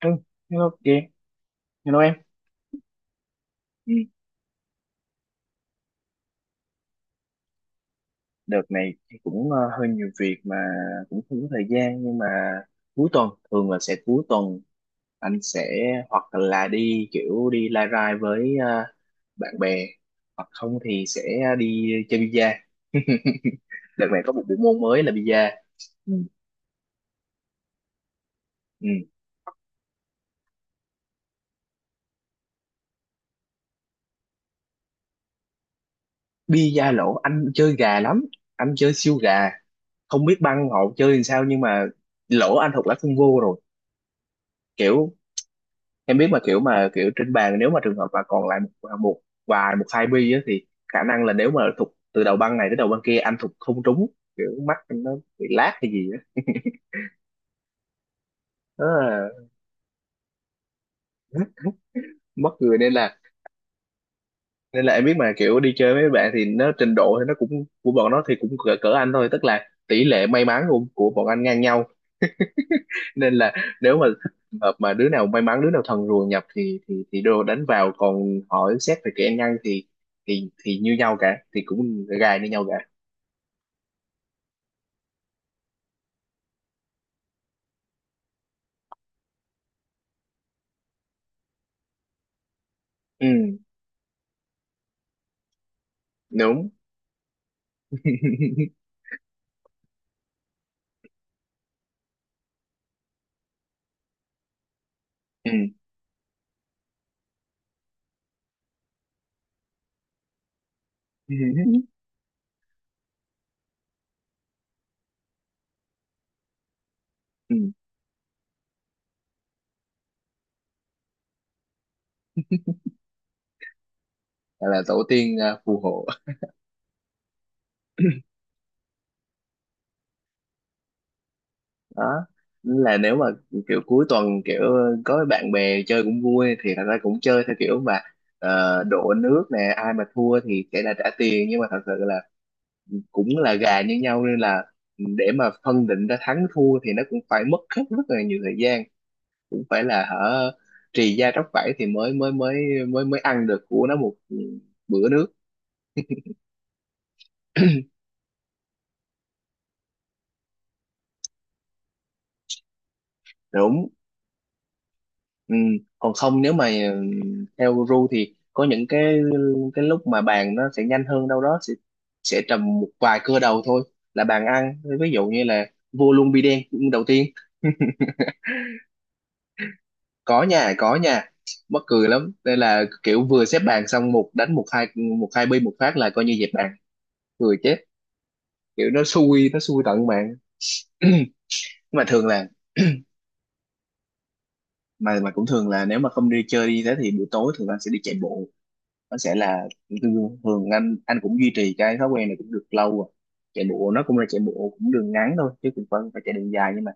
Ừ, hello chị, hello em. Ừ. Đợt này thì cũng hơi nhiều việc mà cũng không có thời gian, nhưng mà cuối tuần thường là sẽ cuối tuần anh sẽ hoặc là đi kiểu đi lai rai với bạn bè, hoặc không thì sẽ đi chơi bi-a. Đợt này có một bộ môn mới là bi-a. Ừ. Ừ. Bi-a lỗ anh chơi gà lắm, anh chơi siêu gà, không biết băng họ chơi làm sao nhưng mà lỗ anh thuộc lá phân vô rồi. Kiểu em biết mà kiểu trên bàn nếu mà trường hợp mà còn lại một vài một hai bi á, thì khả năng là nếu mà thục từ đầu băng này tới đầu băng kia anh thục không trúng, kiểu mắt anh nó bị lát hay gì á. Nó là mất người, nên là em biết mà kiểu đi chơi với bạn thì nó trình độ thì nó cũng của bọn nó thì cũng cỡ anh thôi, tức là tỷ lệ may mắn của bọn anh ngang nhau. Nên là nếu mà hợp mà đứa nào may mắn đứa nào thần rùa nhập thì đồ đánh vào, còn hỏi xét về kỹ năng thì như nhau cả, thì cũng gài như nhau cả. Ừ, đúng. Ừ. Ừ. Gọi là tổ tiên à, phù hộ. Đó là nếu mà kiểu cuối tuần kiểu có bạn bè chơi cũng vui, thì thật ra cũng chơi theo kiểu mà đổ nước nè, ai mà thua thì sẽ là trả tiền, nhưng mà thật sự là cũng là gà như nhau nên là để mà phân định ra thắng thua thì nó cũng phải mất hết rất là nhiều thời gian, cũng phải là hở trì da tróc vảy thì mới mới mới mới mới ăn được của nó một bữa nước. Đúng. Ừ. Còn không nếu mà theo ru thì có những cái lúc mà bàn nó sẽ nhanh hơn, đâu đó sẽ trầm một vài cưa đầu thôi, là bàn ăn, ví dụ như là vua luôn bi đen đầu tiên. có nhà mắc cười lắm, đây là kiểu vừa xếp bàn xong một đánh một hai, một hai bi một phát là coi như dẹp bàn, cười chết, kiểu nó xui tận mạng. Nhưng mà thường là mà cũng thường là nếu mà không đi chơi đi thế thì buổi tối thường là sẽ đi chạy bộ. Nó sẽ là thường anh cũng duy trì cái thói quen này cũng được lâu rồi, chạy bộ nó cũng là chạy bộ cũng đường ngắn thôi chứ cũng phải phải chạy đường dài, nhưng mà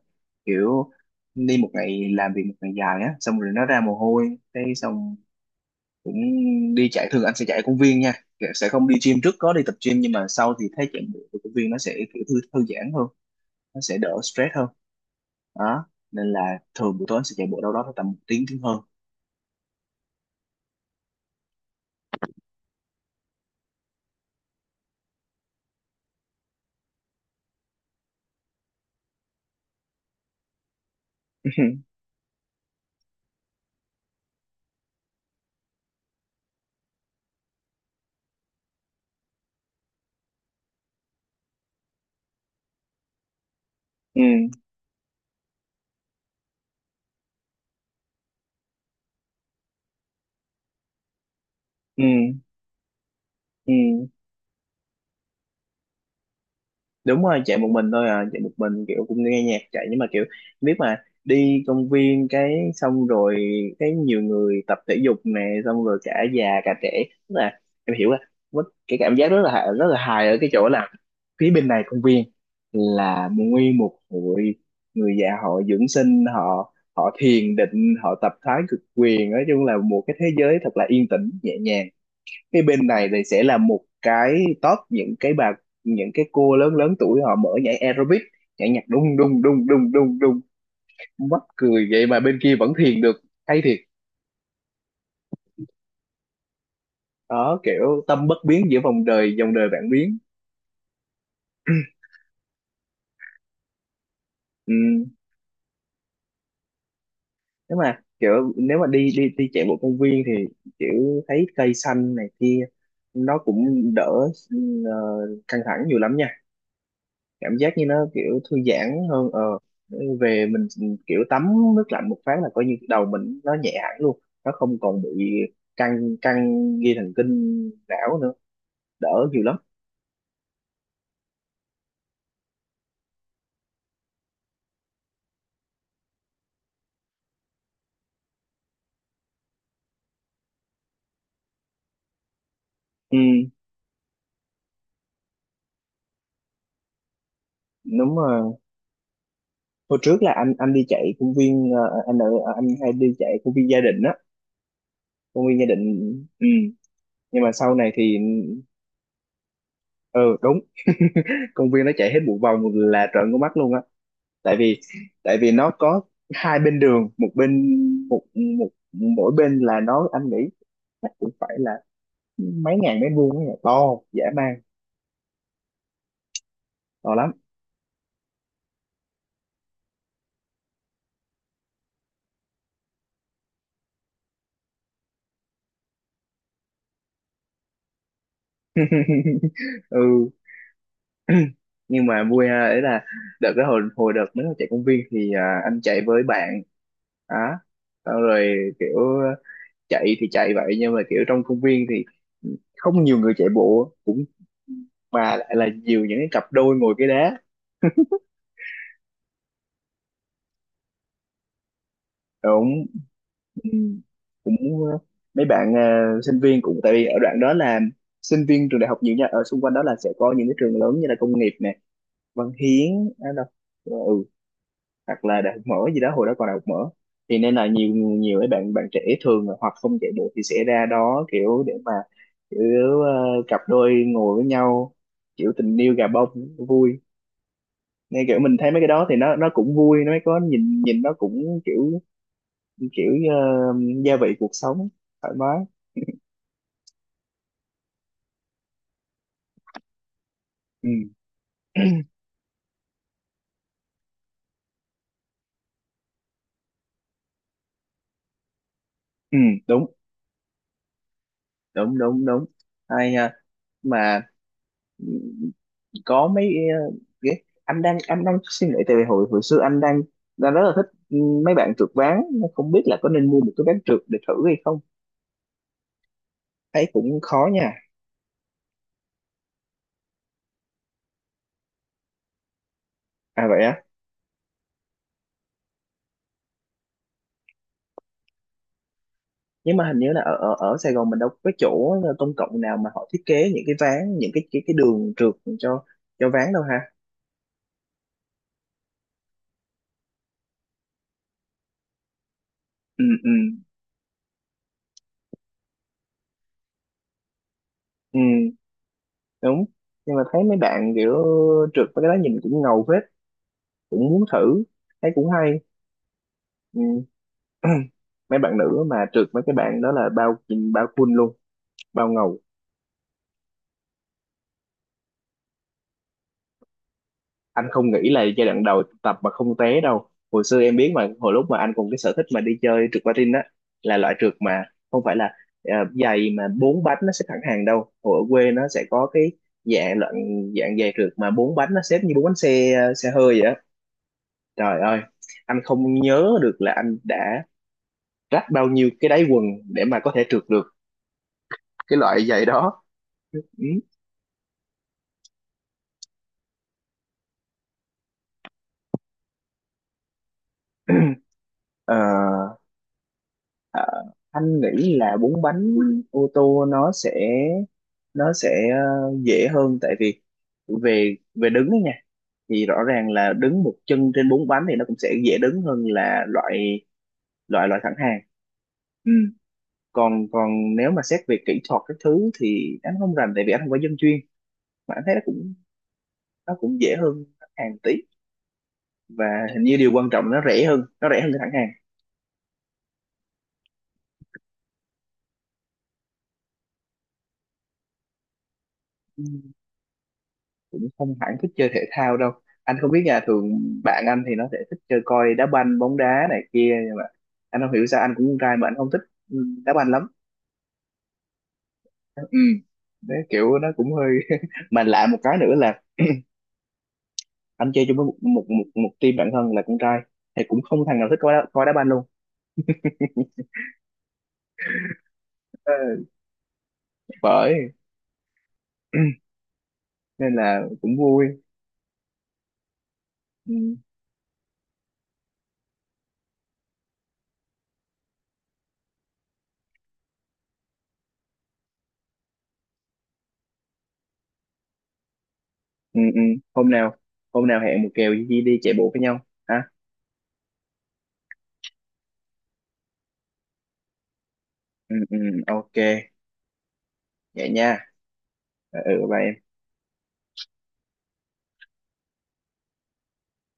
kiểu đi một ngày làm việc một ngày dài á xong rồi nó ra mồ hôi cái xong cũng đi chạy. Thường anh sẽ chạy ở công viên nha, sẽ không đi gym, trước có đi tập gym nhưng mà sau thì thấy chạy bộ ở công viên nó sẽ kiểu thư giãn hơn, nó sẽ đỡ stress hơn. Đó, nên là thường buổi tối anh sẽ chạy bộ đâu đó tầm một tiếng tiếng hơn. Ừ. Ừ. Ừ, đúng rồi, chạy một mình thôi à, chạy một mình kiểu cũng nghe nhạc chạy, nhưng mà kiểu biết mà đi công viên cái xong rồi cái nhiều người tập thể dục nè, xong rồi cả già cả trẻ, tức là em hiểu là mất cái cảm giác rất là hài ở cái chỗ là phía bên này công viên là nguyên một hội người già họ dưỡng sinh, họ họ thiền định, họ tập thái cực quyền, nói chung là một cái thế giới thật là yên tĩnh nhẹ nhàng. Cái bên này thì sẽ là một cái top những cái bà, những cái cô lớn lớn tuổi họ mở nhảy aerobic, nhảy nhạc đung đung đung đung đung đung, mắc cười vậy mà bên kia vẫn thiền được, hay thiệt. Đó kiểu tâm bất biến giữa vòng đời dòng đời vạn biến. Ừ. Nếu mà kiểu nếu mà đi đi đi chạy bộ công viên thì kiểu thấy cây xanh này kia nó cũng đỡ ờ, căng thẳng nhiều lắm nha, cảm giác như nó kiểu thư giãn hơn. Ờ Về mình kiểu tắm nước lạnh một phát là coi như đầu mình nó nhẹ hẳn luôn, nó không còn bị căng căng dây thần kinh não nữa, đỡ nhiều lắm. Ừ đúng rồi, hồi trước là anh đi chạy công viên, anh ở anh hay đi chạy công viên gia đình á, công viên gia đình. Ừ. Nhưng mà sau này thì ừ đúng, công viên nó chạy hết một vòng là trợn con mắt luôn á, tại vì tại vì nó có hai bên đường, một bên, một một mỗi bên là nó anh nghĩ chắc cũng phải là mấy ngàn mét vuông ấy, to dã man, to lắm. Ừ. Nhưng mà vui ha, ấy là đợt cái hồi hồi đợt mới chạy công viên thì anh chạy với bạn á, xong rồi kiểu chạy thì chạy vậy nhưng mà kiểu trong công viên thì không nhiều người chạy bộ mà lại là nhiều những cái cặp đôi ngồi cái đá. Đúng. Ừ. Cũng mấy bạn sinh viên, cũng tại vì ở đoạn đó là sinh viên trường đại học nhiều nha, ở xung quanh đó là sẽ có những cái trường lớn như là công nghiệp nè, Văn Hiến à, đâu ờ, ừ, hoặc là đại học mở gì đó, hồi đó còn đại học mở, thì nên là nhiều nhiều mấy bạn bạn trẻ thường là hoặc không chạy bộ thì sẽ ra đó kiểu để mà kiểu cặp đôi ngồi với nhau, kiểu tình yêu gà bông, vui. Nên kiểu mình thấy mấy cái đó thì nó cũng vui, nó có nhìn nhìn nó cũng kiểu kiểu gia vị cuộc sống, thoải mái. Ừ, ừ, đúng đúng đúng đúng, hay nha. Mà có mấy ờ, cái anh đang suy nghĩ, tại vì hồi hồi xưa anh đang đang rất là thích mấy bạn trượt ván, không biết là có nên mua một cái ván trượt để thử hay không, thấy cũng khó nha. À vậy á. Nhưng mà hình như là ở ở, ở Sài Gòn mình đâu có cái chỗ công cộng nào mà họ thiết kế những cái ván, những cái đường trượt cho cho ván đâu ha. Ừ ừ ừ đúng. Nhưng mà thấy mấy bạn kiểu trượt với cái đó nhìn cũng ngầu phết, cũng muốn thử, thấy cũng hay. Ừ. Mấy bạn nữ mà trượt, mấy cái bạn đó là bao, bao full luôn, bao ngầu. Anh không nghĩ là giai đoạn đầu tập mà không té đâu, hồi xưa em biết mà hồi lúc mà anh cùng cái sở thích mà đi chơi trượt patin á, là loại trượt mà không phải là ờ, giày mà bốn bánh nó xếp thẳng hàng đâu, hồi ở quê nó sẽ có cái dạng loại dạng giày trượt mà bốn bánh nó xếp như bốn bánh xe xe hơi vậy á. Trời ơi, anh không nhớ được là anh đã rách bao nhiêu cái đáy quần để mà có thể trượt được cái loại giày đó. Ừ. Ờ, à, anh nghĩ là bốn bánh ô tô nó sẽ dễ hơn, tại vì về về đứng ấy nha, thì rõ ràng là đứng một chân trên bốn bánh thì nó cũng sẽ dễ đứng hơn là loại, loại thẳng hàng. Ừ. còn còn nếu mà xét về kỹ thuật các thứ thì anh không rành tại vì anh không phải dân chuyên, mà anh thấy nó cũng dễ hơn thẳng hàng tí, và hình như điều quan trọng là nó rẻ hơn, nó rẻ hơn cái thẳng hàng. Cũng không hẳn thích chơi thể thao đâu, anh không biết nhà thường bạn anh thì nó sẽ thích chơi coi đá banh bóng đá này kia, nhưng mà anh không hiểu sao anh cũng con trai mà anh không thích ừ, đá banh lắm. Ừ. Đấy, kiểu nó cũng hơi mà lạ một cái nữa là anh chơi chung với một team bạn thân là con trai thì cũng không thằng nào thích coi đá banh luôn. Ờ, bởi. Nên là cũng vui. Ừ. Ừ, ừ. hôm nào hôm nào hẹn một kèo đi chạy bộ với nhau ha. Ừ, ừ, ok. Vậy nha. Ừ, bye em.